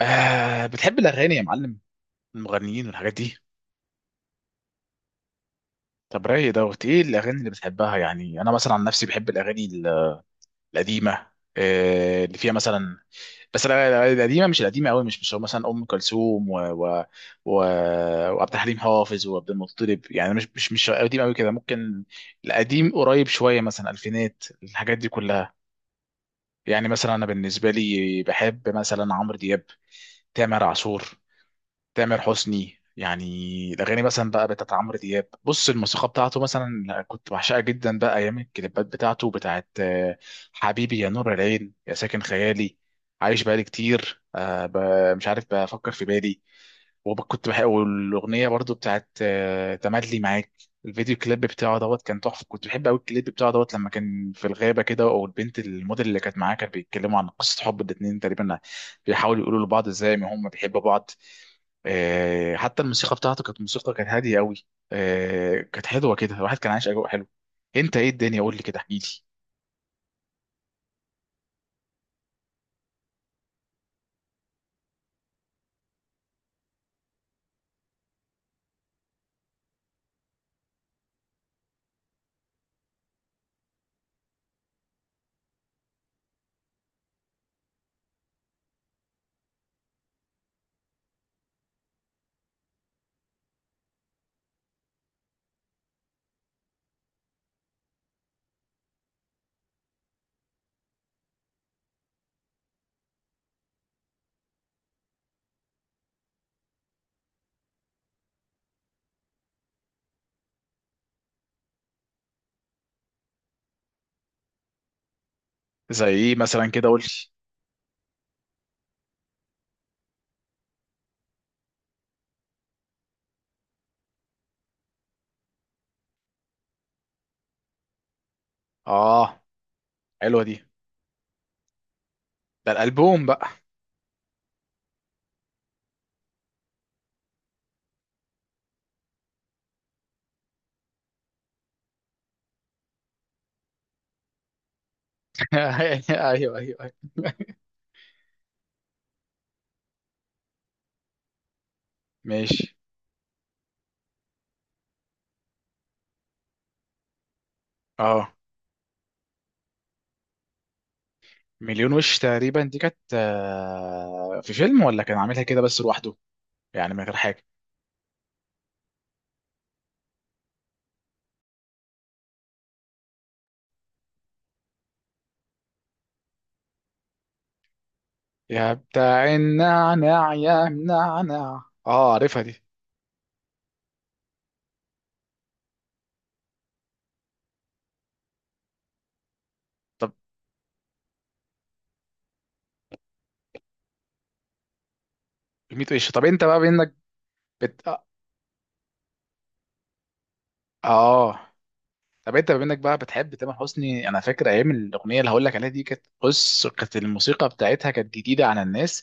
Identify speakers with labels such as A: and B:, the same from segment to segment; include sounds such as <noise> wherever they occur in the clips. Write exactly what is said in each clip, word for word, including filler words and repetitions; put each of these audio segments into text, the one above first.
A: آه، بتحب الأغاني يا معلم؟ المغنيين والحاجات دي. طب رايق دوت، إيه الأغاني اللي بتحبها؟ يعني أنا مثلا عن نفسي بحب الأغاني ال- القديمة. آه، اللي فيها مثلا، بس الأغاني- الأغاني القديمة، مش القديمة أوي، مش مش مثلا أم كلثوم و... و... و... وعبد الحليم حافظ وعبد المطلب، يعني مش مش مش قديم أوي كده. ممكن القديم قريب شوية، مثلا ألفينات، الحاجات دي كلها. يعني مثلا أنا بالنسبة لي بحب مثلا عمرو دياب، تامر عاشور، تامر حسني يعني. الاغاني مثلا بقى بتاعت عمرو دياب، بص الموسيقى بتاعته مثلا كنت بعشقها جدا، بقى ايام الكليبات بتاعته، بتاعت آه، حبيبي يا نور العين، يا ساكن خيالي، عايش بقالي كتير، آه، ب- مش عارف، بفكر في بالي. وكنت بحب والاغنيه برضو بتاعت آه، تملي معاك. الفيديو كليب بتاعه دوت كان تحفه، كنت بحب قوي الكليب بتاعه دوت لما كان في الغابه كده، والبنت الموديل اللي كانت معاه، كانت بيتكلموا عن قصه حب الاتنين تقريبا، بيحاولوا يقولوا لبعض ازاي ما هم بيحبوا بعض. آه، حتى الموسيقى بتاعته كانت موسيقى كانت هاديه قوي. آه، كانت حلوه كده، الواحد كان عايش اجواء حلو. انت ايه الدنيا؟ قول لي كده، احكي لي. زي ايه مثلا كده، قول لي. اه، حلوه دي. ده الالبوم بقى. <laughs> ايوه، ايوه، ايوه. ماشي. اه، مليون وش تقريبا دي، كانت آه، في فيلم ولا كان عاملها كده بس لوحده، يعني من غير حاجه؟ يا بتاع النعناع يا منعنع، اه عارفها دي. طب ميت وش. طب انت بقى بانك بت... اه. آه. طب انت بما انك بقى بتحب تامر حسني، انا فاكر ايام الاغنيه اللي هقول لك عليها دي، كانت بص كانت الموسيقى بتاعتها كانت جديده على الناس،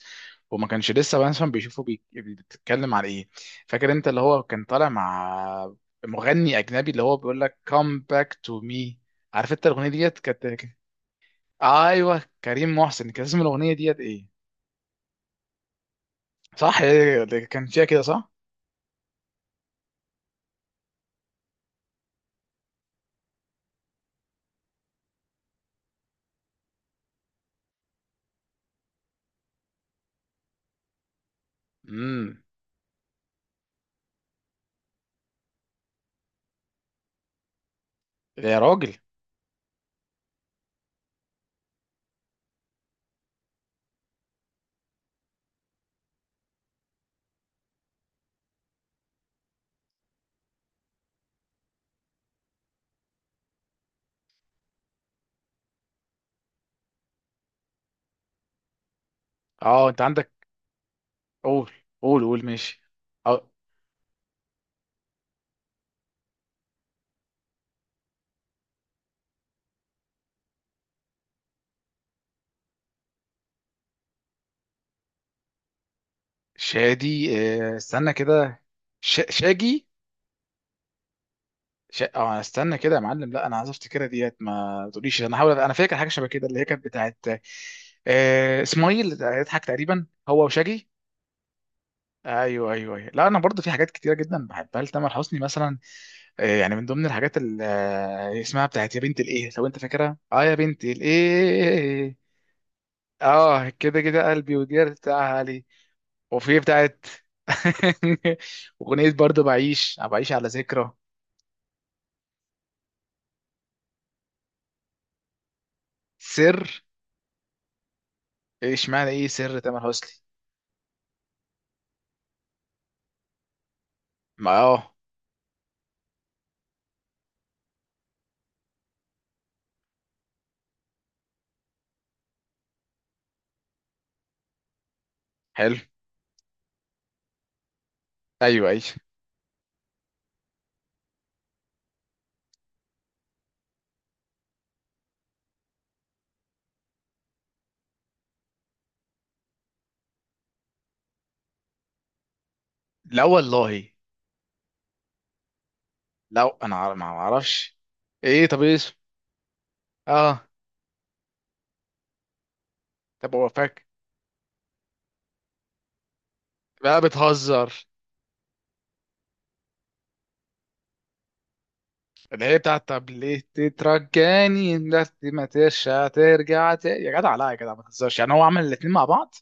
A: وما كانش لسه مثلا بيشوفوا بي... بتتكلم على ايه. فاكر انت اللي هو كان طالع مع مغني اجنبي، اللي هو بيقول لك come back to me؟ عارف انت الاغنيه ديت كانت كانت- ايوه كريم محسن. كان اسم الاغنيه ديت ايه؟ صح، هي اللي كان فيها كده، صح. امم يا راجل. اه انت عندك. قول قول قول. ماشي. شادي، آه، استنى كده. ش... شاجي. ش... اه، استنى كده يا معلم، لا انا عايز افتكرها ديت، ما تقوليش، انا هحاول، انا فاكر حاجه شبه كده اللي هي كانت بتاعت آه، اسماعيل يضحك تقريبا هو وشاجي. ايوه، ايوه، ايوه. لا انا برضه في حاجات كتيره جدا بحبها لتامر حسني مثلا، آه، يعني من ضمن الحاجات اللي آه، اسمها بتاعت يا بنت الايه، لو انت فاكرها، اه يا بنت الايه، اه كده كده. قلبي وديار بتاعها علي. وفي بتاعت <laughs> اغنيه برضه بعيش، بعيش على ذكرى. سر؟ ايش معنى ايه سر تامر حسني؟ ما اه. حلو. ايوه ايوه. لا والله. لو انا عار- ما اعرفش. ايه؟ طب ايه اسمه؟ اه. طب وفاك بقى بتهزر. اللي هي بتاعت طب ليه تترجاني انت، ما ترجع، ترجع ت- يا جدع، لا يا جدع ما تهزرش. يعني هو عمل الاتنين مع بعض؟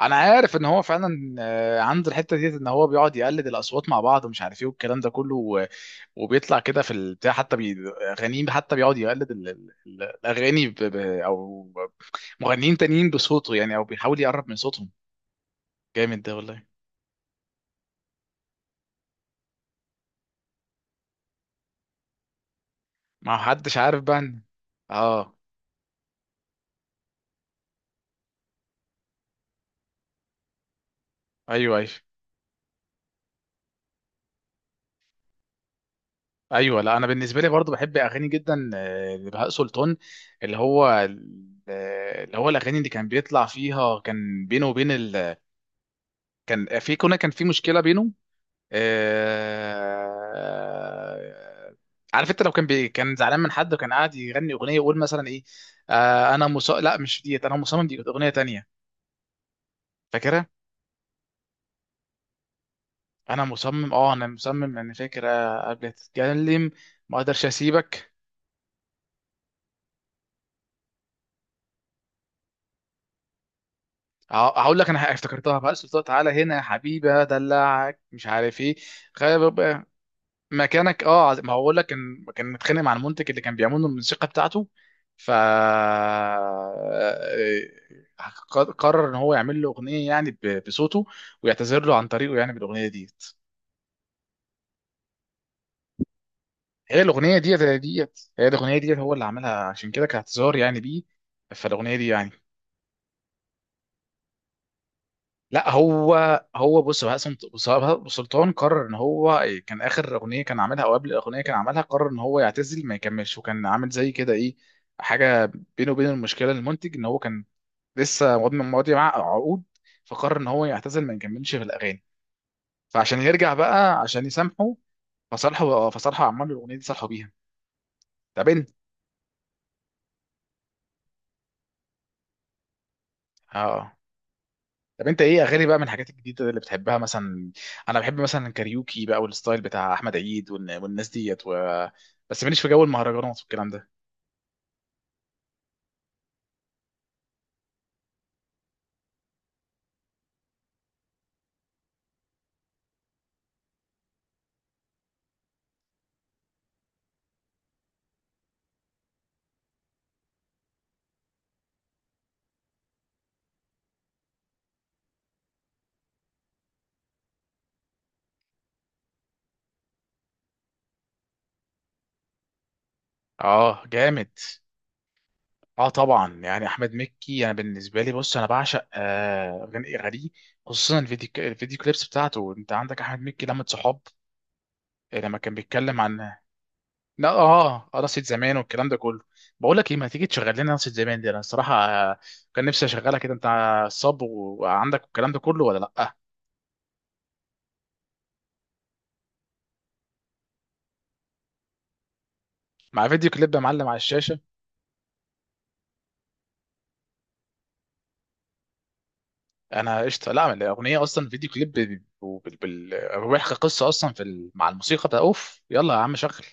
A: انا عارف ان هو فعلا آه، عنده الحته ديت ان هو بيقعد يقلد الاصوات مع بعض ومش عارف ايه والكلام ده كله. وبيطلع كده في البتاع، حتى بي... غنيم، حتى بيقعد يقلد ال... ال... ال- الاغاني ب... ب... او مغنيين تانيين بصوته، يعني او بيحاول يقرب من صوتهم. جامد ده والله. ما حدش عارف بقى إن- اه. ايوه، ايوه، ايوه. لا انا بالنسبه لي برضو بحب اغاني جدا آه، لبهاء سلطان. اللي هو ال- آه، اللي هو الاغاني اللي كان بيطلع فيها كان بينه وبين ال... كان في، كنا كان في مشكله بينه. آه، عارف انت لو كان بي... كان زعلان من حد وكان قاعد يغني اغنيه يقول مثلا ايه؟ آه انا مص... لا مش ديت، انا مصمم، دي كانت اغنيه تانية. فاكرها، انا مصمم، اه انا مصمم، انا فاكر. قبل تتكلم، ما اقدرش اسيبك. ه- هقول لك انا افتكرتها، بقى سلطان تعالى هنا يا حبيبي ادلعك مش عارف ايه، مكانك، اه عز- ما هو بقول لك، كان كان متخانق مع المنتج اللي كان بيعمل له الموسيقى بتاعته، ف قر- قرر ان هو يعمل له اغنيه، يعني ب- بصوته، ويعتذر له عن طريقه يعني بالاغنيه ديت. هي الاغنيه ديت، هي ديت، هي الاغنيه ديت هو اللي عملها، عشان كده كاعتذار يعني بيه، فالاغنيه دي يعني. لا هو هو بص، بقى سلط- بص- بقى سلطان قرر ان هو كان اخر اغنيه كان عاملها، او قبل الاغنيه كان عاملها قرر ان هو يعتزل ما يكملش، وكان عامل زي كده ايه، حاجه بينه وبين المشكله المنتج، ان هو كان لسه مضم- ماضي معاه عقود، فقرر ان هو يعتزل ما يكملش في الاغاني، فعشان يرجع بقى، عشان يسامحه، فصالحه فصالحه عمل الاغنيه دي صالحه بيها. تعبان. طب انت ايه اغاني بقى من الحاجات الجديده اللي بتحبها مثلا؟ انا بحب مثلا الكاريوكي بقى والستايل بتاع احمد عيد والن- والناس ديت و... بس ماليش في جو المهرجانات والكلام ده. اه جامد. اه طبعا، يعني احمد مكي انا بالنسبه لي بص انا بعشق آه، اغاني اغانيه، خصوصا الفيديو الفيديو كليبس بتاعته. انت عندك احمد مكي لمة صحاب، آه، لما كان بيتكلم عن، لا اه، قرصة زمان والكلام ده كله. بقول لك ايه، ما تيجي تشغل لنا قرصة زمان دي؟ انا الصراحه آه، كان نفسي اشغلها كده. انت صب وعندك الكلام ده كله ولا لا؟ مع فيديو كليب يا معلم، على الشاشه. انا قشطه. لا الاغنيه اصلا فيديو كليب بال- بال- بال- بيحكي قصه اصلا في ال- مع الموسيقى بتاع، اوف يلا يا عم شغل